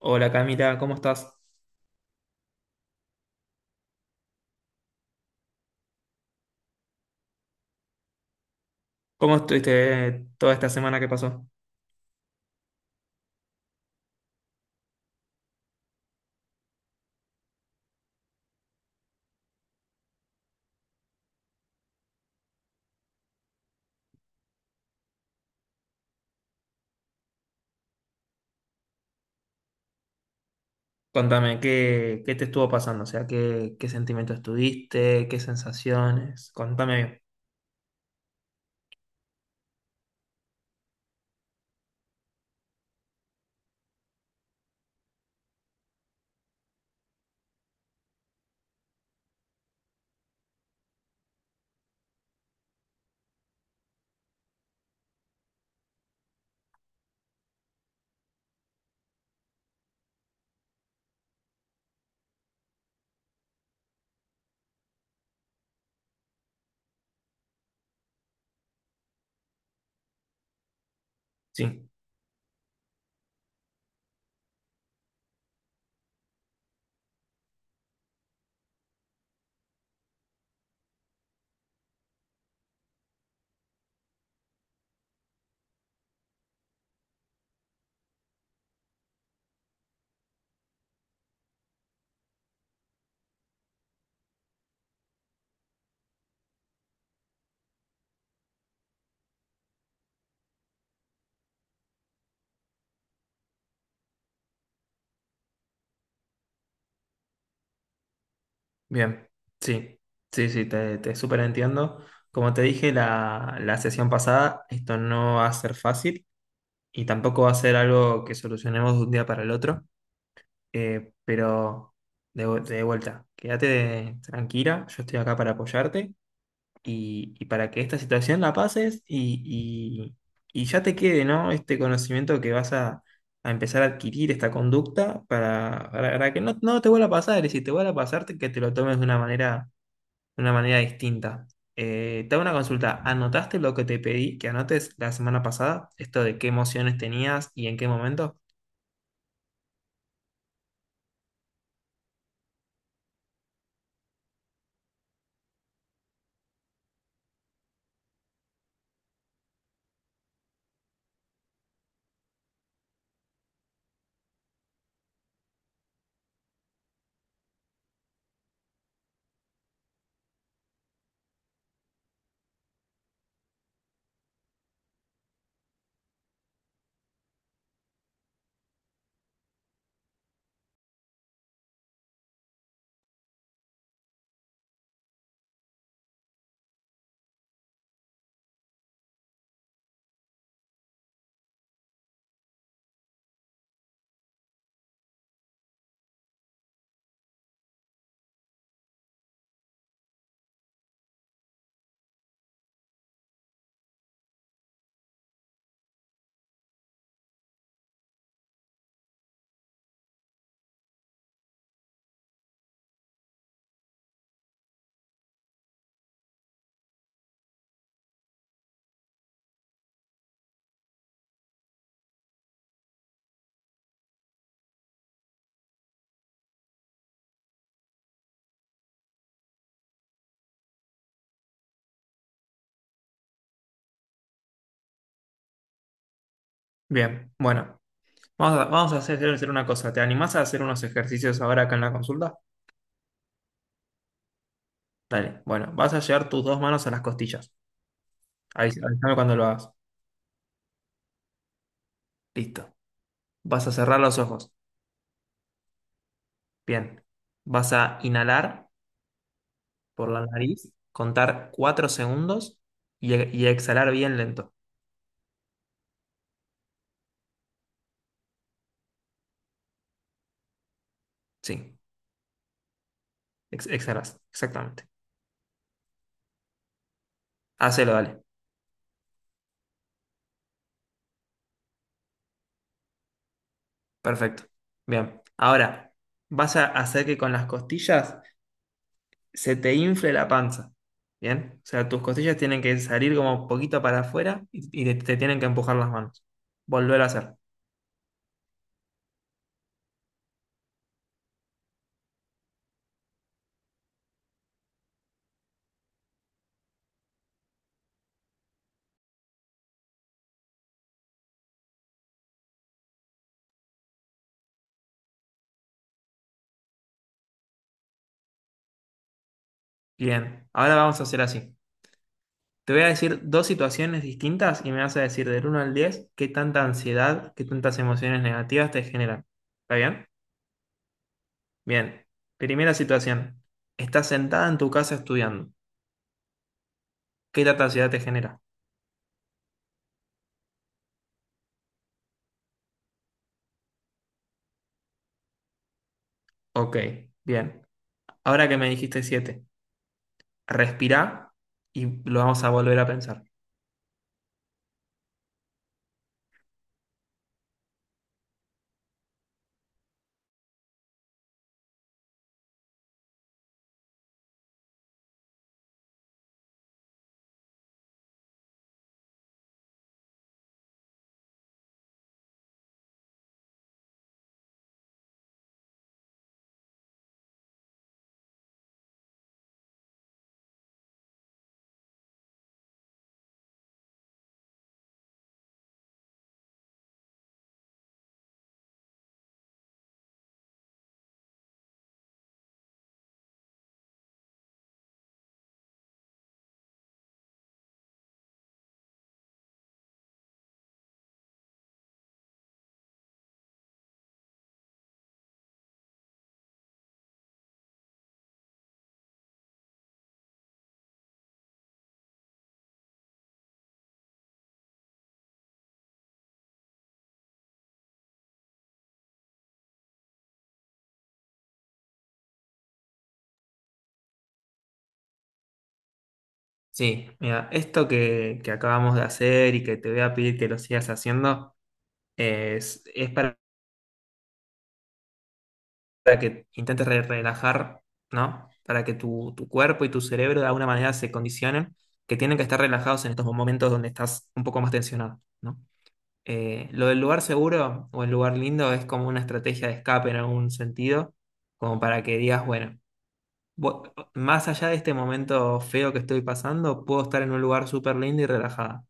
Hola Camila, ¿cómo estás? ¿Cómo estuviste toda esta semana que pasó? Contame, ¿qué te estuvo pasando. O sea, ¿qué sentimientos tuviste, ¿qué sensaciones? Contame bien. Sí, bien. Sí, sí, sí, te súper entiendo. Como te dije la sesión pasada, esto no va a ser fácil y tampoco va a ser algo que solucionemos de un día para el otro. Pero de vuelta, quédate tranquila, yo estoy acá para apoyarte y para que esta situación la pases y ya te quede, ¿no? Este conocimiento que vas a empezar a adquirir, esta conducta, para que no, no te vuelva a pasar, y si te vuelve a pasar, que te lo tomes de una manera distinta. Te hago una consulta. ¿Anotaste lo que te pedí que anotes la semana pasada? Esto de qué emociones tenías y en qué momento. Bien, bueno, vamos a hacer una cosa. ¿Te animás a hacer unos ejercicios ahora acá en la consulta? Dale, bueno, vas a llevar tus dos manos a las costillas. Ahí, avísame cuando lo hagas. Listo. Vas a cerrar los ojos. Bien. Vas a inhalar por la nariz, contar 4 segundos y exhalar bien lento. Sí, exhalas. Exactamente. Hacelo, dale. Perfecto. Bien. Ahora, vas a hacer que con las costillas se te infle la panza. Bien. O sea, tus costillas tienen que salir como un poquito para afuera y te tienen que empujar las manos. Volver a hacer. Bien. Ahora vamos a hacer así. Te voy a decir dos situaciones distintas y me vas a decir del uno al 10 qué tanta ansiedad, qué tantas emociones negativas te generan. ¿Está bien? Bien. Primera situación. Estás sentada en tu casa estudiando. ¿Qué tanta ansiedad te genera? Ok, bien. Ahora que me dijiste 7, respirá y lo vamos a volver a pensar. Sí, mira, esto que acabamos de hacer y que te voy a pedir que lo sigas haciendo es para que intentes relajar, ¿no? Para que tu cuerpo y tu cerebro de alguna manera se condicionen, que tienen que estar relajados en estos momentos donde estás un poco más tensionado, ¿no? Lo del lugar seguro o el lugar lindo es como una estrategia de escape en algún sentido, como para que digas, bueno, más allá de este momento feo que estoy pasando, puedo estar en un lugar súper lindo y relajada.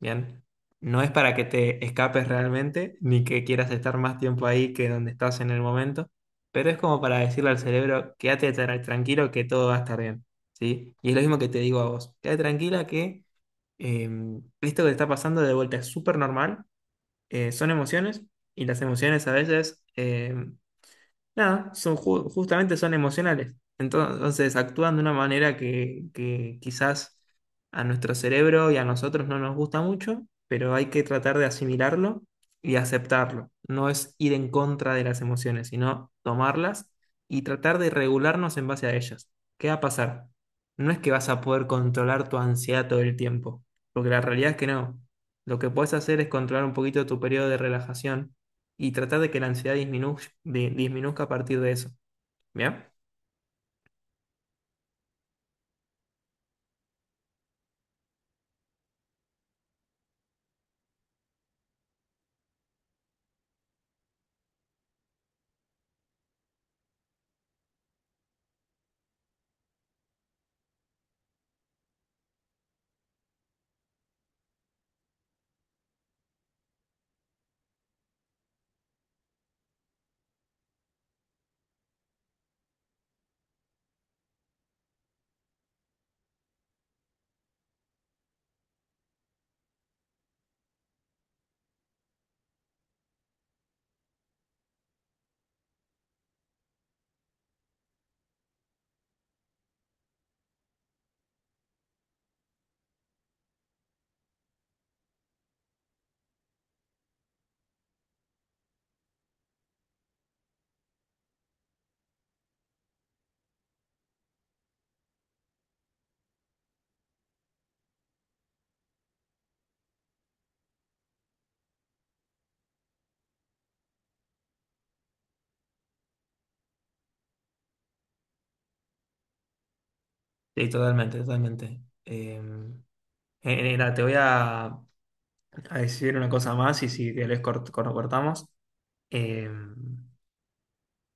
Bien. No es para que te escapes realmente, ni que quieras estar más tiempo ahí que donde estás en el momento, pero es como para decirle al cerebro: quédate tranquilo que todo va a estar bien, ¿sí? Y es lo mismo que te digo a vos, quédate tranquila que eh, esto que te está pasando de vuelta es súper normal. Son emociones, y las emociones a veces nada, son, justamente son emocionales. Entonces actúan de una manera que quizás a nuestro cerebro y a nosotros no nos gusta mucho, pero hay que tratar de asimilarlo y aceptarlo. No es ir en contra de las emociones, sino tomarlas y tratar de regularnos en base a ellas. ¿Qué va a pasar? No es que vas a poder controlar tu ansiedad todo el tiempo, porque la realidad es que no. Lo que puedes hacer es controlar un poquito tu periodo de relajación y tratar de que la ansiedad disminuzca a partir de eso. ¿Bien? Sí, totalmente, totalmente. Eh, Mira, te voy a decir una cosa más y si querés cortamos. Eh,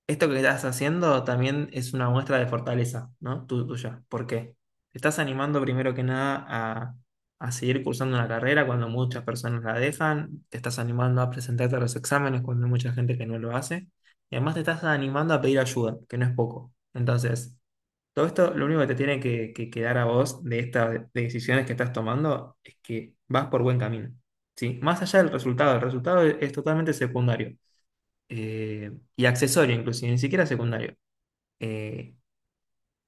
Esto que estás haciendo también es una muestra de fortaleza, ¿no? Tuya. ¿Por qué? Te estás animando primero que nada a seguir cursando una carrera cuando muchas personas la dejan, te estás animando a presentarte a los exámenes cuando hay mucha gente que no lo hace, y además te estás animando a pedir ayuda, que no es poco. Entonces, todo esto, lo único que te tiene que quedar a vos de estas decisiones que estás tomando es que vas por buen camino, ¿sí? Más allá del resultado, el resultado es totalmente secundario, y accesorio inclusive, ni siquiera secundario. Eh,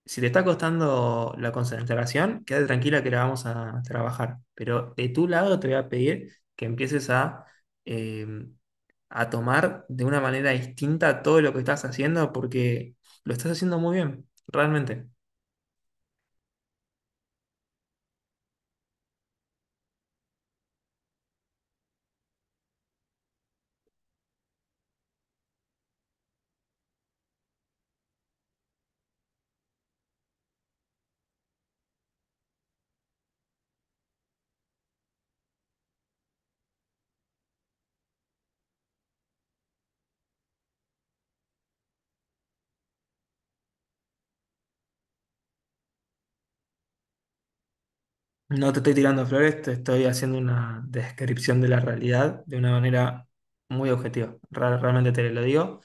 si te está costando la concentración, quédate tranquila que la vamos a trabajar, pero de tu lado te voy a pedir que empieces eh, a tomar de una manera distinta todo lo que estás haciendo porque lo estás haciendo muy bien, realmente. No te estoy tirando flores, te estoy haciendo una descripción de la realidad de una manera muy objetiva. Realmente te lo digo.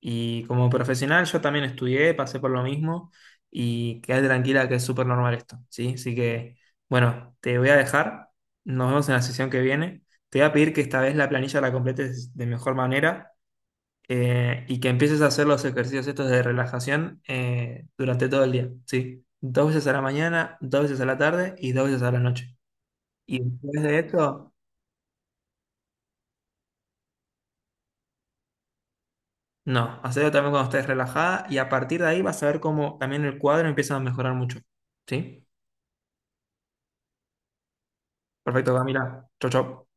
Y como profesional yo también estudié, pasé por lo mismo y quedé tranquila que es súper normal esto, ¿sí? Así que, bueno, te voy a dejar. Nos vemos en la sesión que viene. Te voy a pedir que esta vez la planilla la completes de mejor manera, y que empieces a hacer los ejercicios estos de relajación durante todo el día, ¿sí? Dos veces a la mañana, dos veces a la tarde y dos veces a la noche. Y después de esto, no, hacelo también cuando estés relajada y a partir de ahí vas a ver cómo también el cuadro empieza a mejorar mucho. ¿Sí? Perfecto, Camila. Chau, chau.